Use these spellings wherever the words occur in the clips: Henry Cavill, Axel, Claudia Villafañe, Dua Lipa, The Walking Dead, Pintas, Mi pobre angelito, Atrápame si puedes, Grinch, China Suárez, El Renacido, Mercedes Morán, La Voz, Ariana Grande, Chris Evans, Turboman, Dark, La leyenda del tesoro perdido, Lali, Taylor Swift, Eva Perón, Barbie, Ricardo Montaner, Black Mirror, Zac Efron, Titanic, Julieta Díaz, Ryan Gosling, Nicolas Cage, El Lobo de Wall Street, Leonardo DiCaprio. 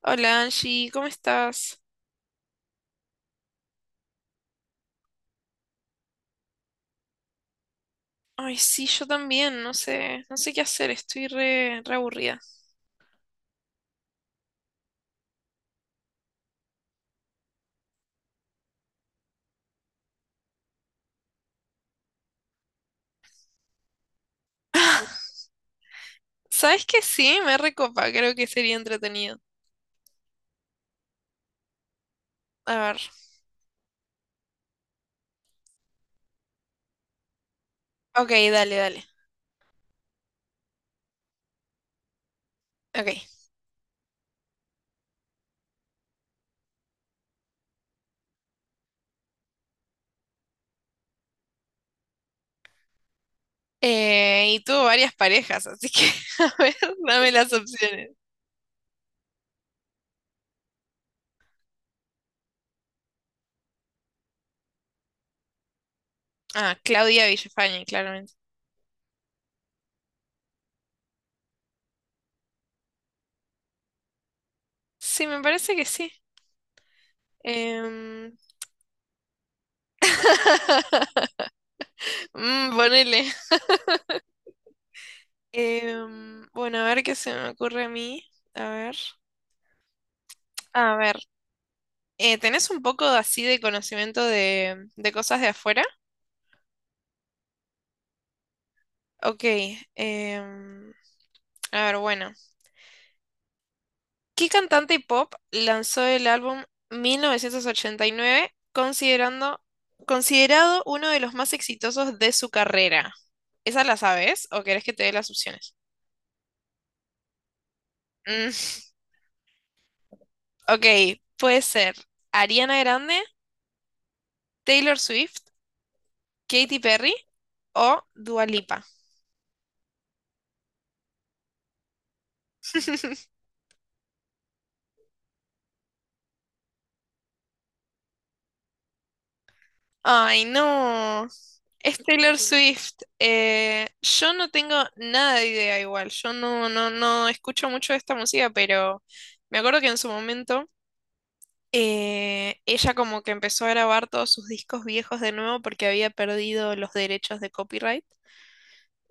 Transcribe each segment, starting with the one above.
Hola Angie, ¿cómo estás? Ay, sí, yo también, no sé, no sé qué hacer, estoy re, re aburrida. ¿Sabes qué? Sí, me recopa, creo que sería entretenido. A ver, ok, dale, dale, ok. Y tuvo varias parejas, así que, a ver, dame las opciones. Ah, Claudia Villafañe, claramente. Sí, me parece que sí. Em, mm, ponele. Bueno, a ver qué se me ocurre a mí. A ver. A ver. ¿Tenés un poco así de conocimiento de cosas de afuera? Ok, em, a ver, bueno. ¿Qué cantante pop lanzó el álbum 1989 considerado uno de los más exitosos de su carrera? ¿Esa la sabes o querés que te dé las opciones? Mm, ok, puede ser Ariana Grande, Taylor Swift, Katy Perry o Dua Lipa. Ay, no. Es Taylor Swift. Yo no tengo nada de idea igual. Yo no escucho mucho de esta música, pero me acuerdo que en su momento ella como que empezó a grabar todos sus discos viejos de nuevo porque había perdido los derechos de copyright.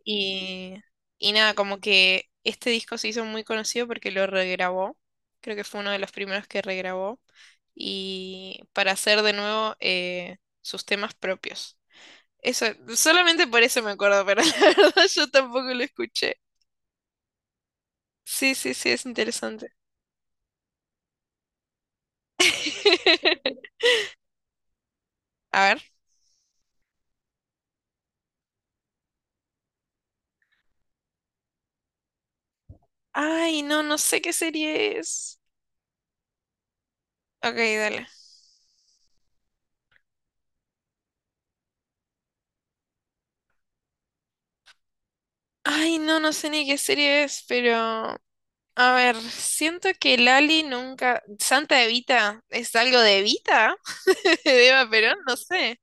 Y, y nada, como que este disco se hizo muy conocido porque lo regrabó. Creo que fue uno de los primeros que regrabó. Y para hacer de nuevo sus temas propios. Eso, solamente por eso me acuerdo, pero la verdad yo tampoco lo escuché. Sí, sí, sí, es interesante. A ver. Ay, no, no sé qué serie es. Ok, dale. Ay, no, no sé ni qué serie es, pero... A ver, siento que Lali nunca... Santa Evita, ¿es algo de Evita? De Eva Perón, no sé.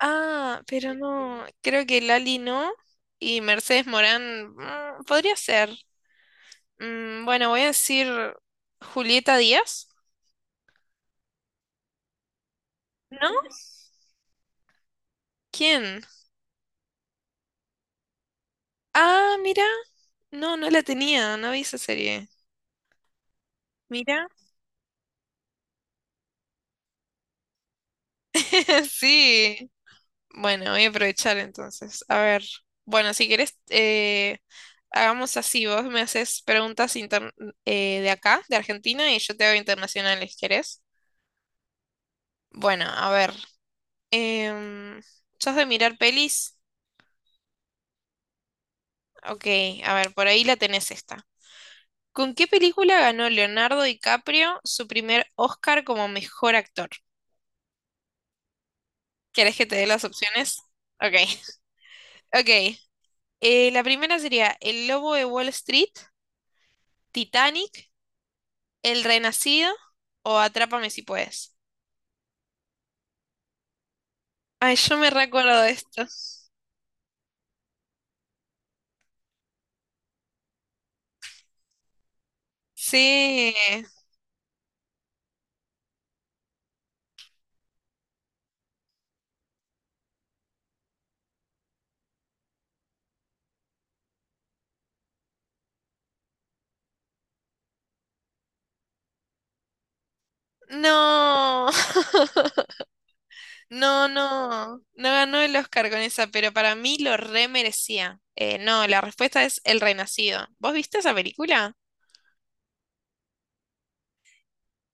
Ah, pero no, creo que Lali no. Y Mercedes Morán, mm, podría ser. Mm, bueno, voy a decir Julieta Díaz. ¿No? ¿Quién? Ah, mira. No, no la tenía, no vi esa serie. Mira. Sí. Bueno, voy a aprovechar entonces. A ver. Bueno, si querés, hagamos así. Vos me haces de acá, de Argentina, y yo te hago internacionales, ¿querés? Bueno, a ver. em, ¿Sos de mirar pelis? Ok, a ver, por ahí la tenés esta. ¿Con qué película ganó Leonardo DiCaprio su primer Oscar como mejor actor? ¿Querés que te dé las opciones? Ok, ok. La primera sería El Lobo de Wall Street, Titanic, El Renacido o Atrápame si puedes. Ay, yo me recuerdo de esto. Sí. No. No, no. No ganó el Oscar con esa, pero para mí lo re merecía. No, la respuesta es El Renacido. ¿Vos viste esa película?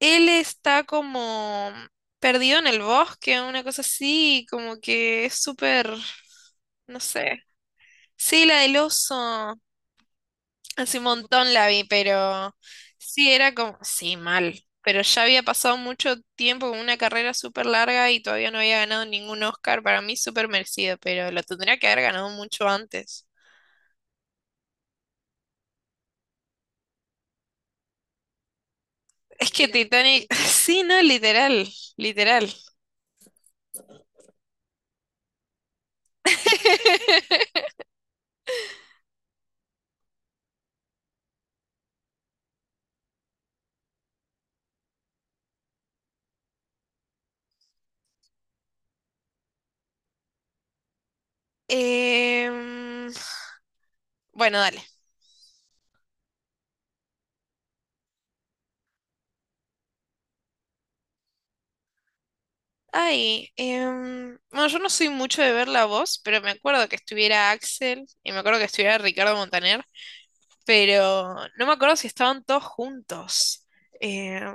Él está como perdido en el bosque, una cosa así, como que es súper, no sé. Sí, la del oso, hace un montón la vi, pero sí, era como, sí, mal, pero ya había pasado mucho tiempo con una carrera súper larga y todavía no había ganado ningún Oscar, para mí súper merecido, pero lo tendría que haber ganado mucho antes. Es que Titanic, sí, no, literal, literal. Em, bueno, dale. Ay, bueno, yo no soy mucho de ver La Voz, pero me acuerdo que estuviera Axel y me acuerdo que estuviera Ricardo Montaner, pero no me acuerdo si estaban todos juntos. Em,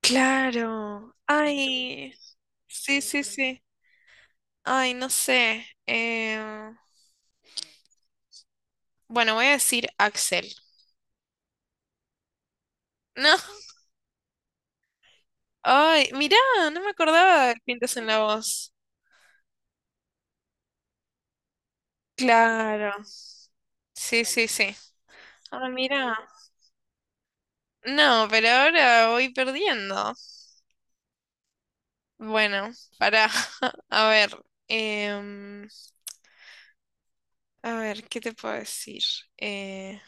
claro, ay, sí, sí, sí. Ay, no sé. Bueno, voy a decir Axel. No, ay, mirá, no me acordaba de Pintas en la Voz. Claro, sí, sí, sí. Ah, mirá. No, pero ahora voy perdiendo. Bueno, para, a ver, em, a ver, ¿qué te puedo decir? Eh,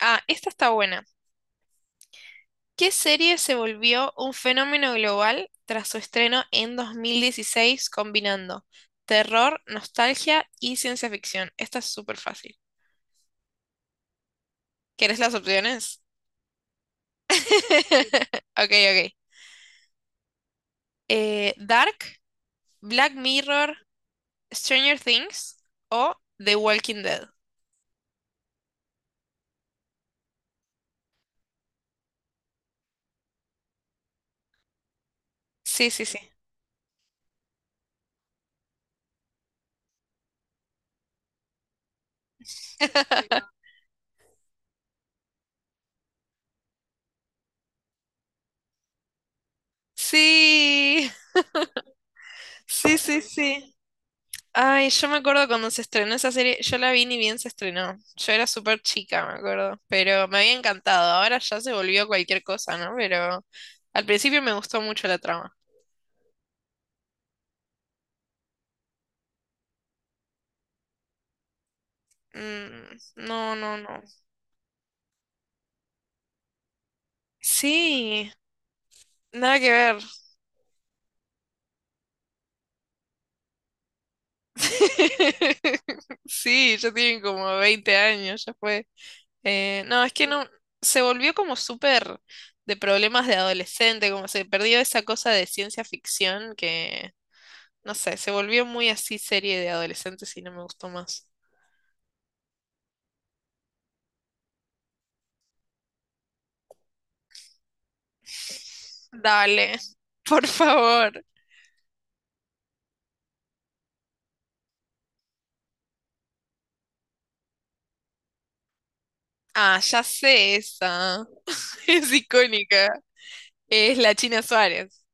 ah, esta está buena. ¿Qué serie se volvió un fenómeno global tras su estreno en 2016 combinando terror, nostalgia y ciencia ficción? Esta es súper fácil. ¿Quieres las opciones? Ok, ok. Dark, Black Mirror, Stranger Things o The Walking Dead. Sí, sí, sí. Sí. Sí, sí, sí. Ay, yo me acuerdo cuando se estrenó esa serie, yo la vi ni bien se estrenó. Yo era súper chica, me acuerdo, pero me había encantado. Ahora ya se volvió cualquier cosa, ¿no? Pero al principio me gustó mucho la trama. Mm, no, no, no. Sí, nada que ver. Sí, ya tienen como 20 años, ya fue. No, es que no, se volvió como súper de problemas de adolescente, como se perdió esa cosa de ciencia ficción que no sé, se volvió muy así serie de adolescentes y no me gustó más. Dale, por favor. Ah, ya sé esa. Es icónica. Es la China Suárez.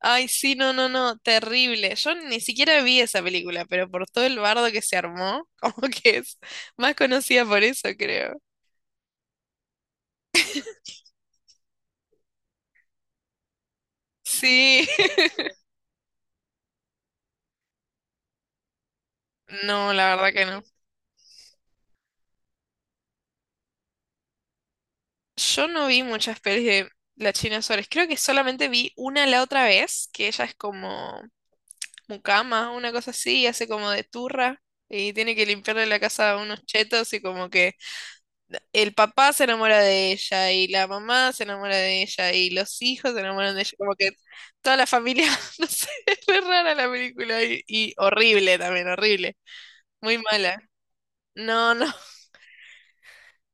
Ay, sí, no, no, no, terrible. Yo ni siquiera vi esa película, pero por todo el bardo que se armó, como que es más conocida por eso, creo. Sí, no, la verdad que no. Yo no vi muchas pelis de la China Suárez. Creo que solamente vi una la otra vez, que ella es como mucama, una cosa así, y hace como de turra y tiene que limpiarle la casa a unos chetos y como que el papá se enamora de ella y la mamá se enamora de ella y los hijos se enamoran de ella, como que toda la familia, no sé, es re rara la película y horrible también, horrible, muy mala. No, no,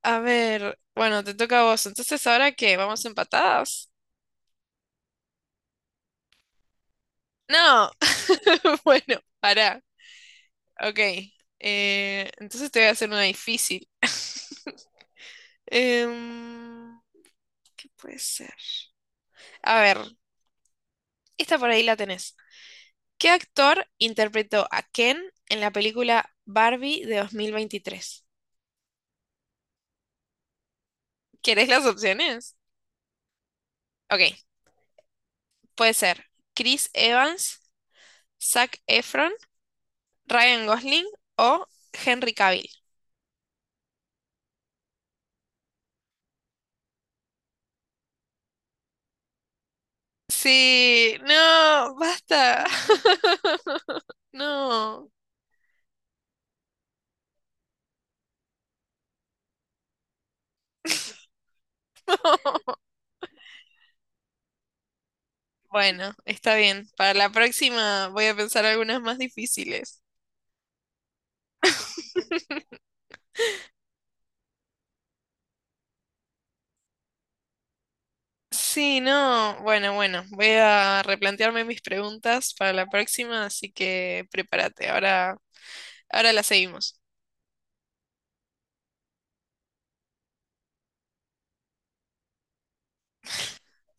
a ver, bueno, te toca a vos, entonces ahora qué, vamos empatadas. No, bueno, pará, ok, entonces te voy a hacer una difícil. Em, ¿qué puede ser? A ver, esta por ahí la tenés. ¿Qué actor interpretó a Ken en la película Barbie de 2023? ¿Querés las opciones? Ok, puede ser Chris Evans, Zac Efron, Ryan Gosling o Henry Cavill. Sí, no, basta. No. Bueno, está bien. Para la próxima voy a pensar algunas más difíciles. Sí, no. Bueno, bueno, voy a replantearme mis preguntas para la próxima, así que prepárate. Ahora, ahora la seguimos.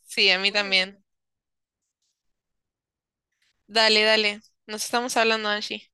Sí, a mí bueno, también. Dale, dale. Nos estamos hablando, Angie.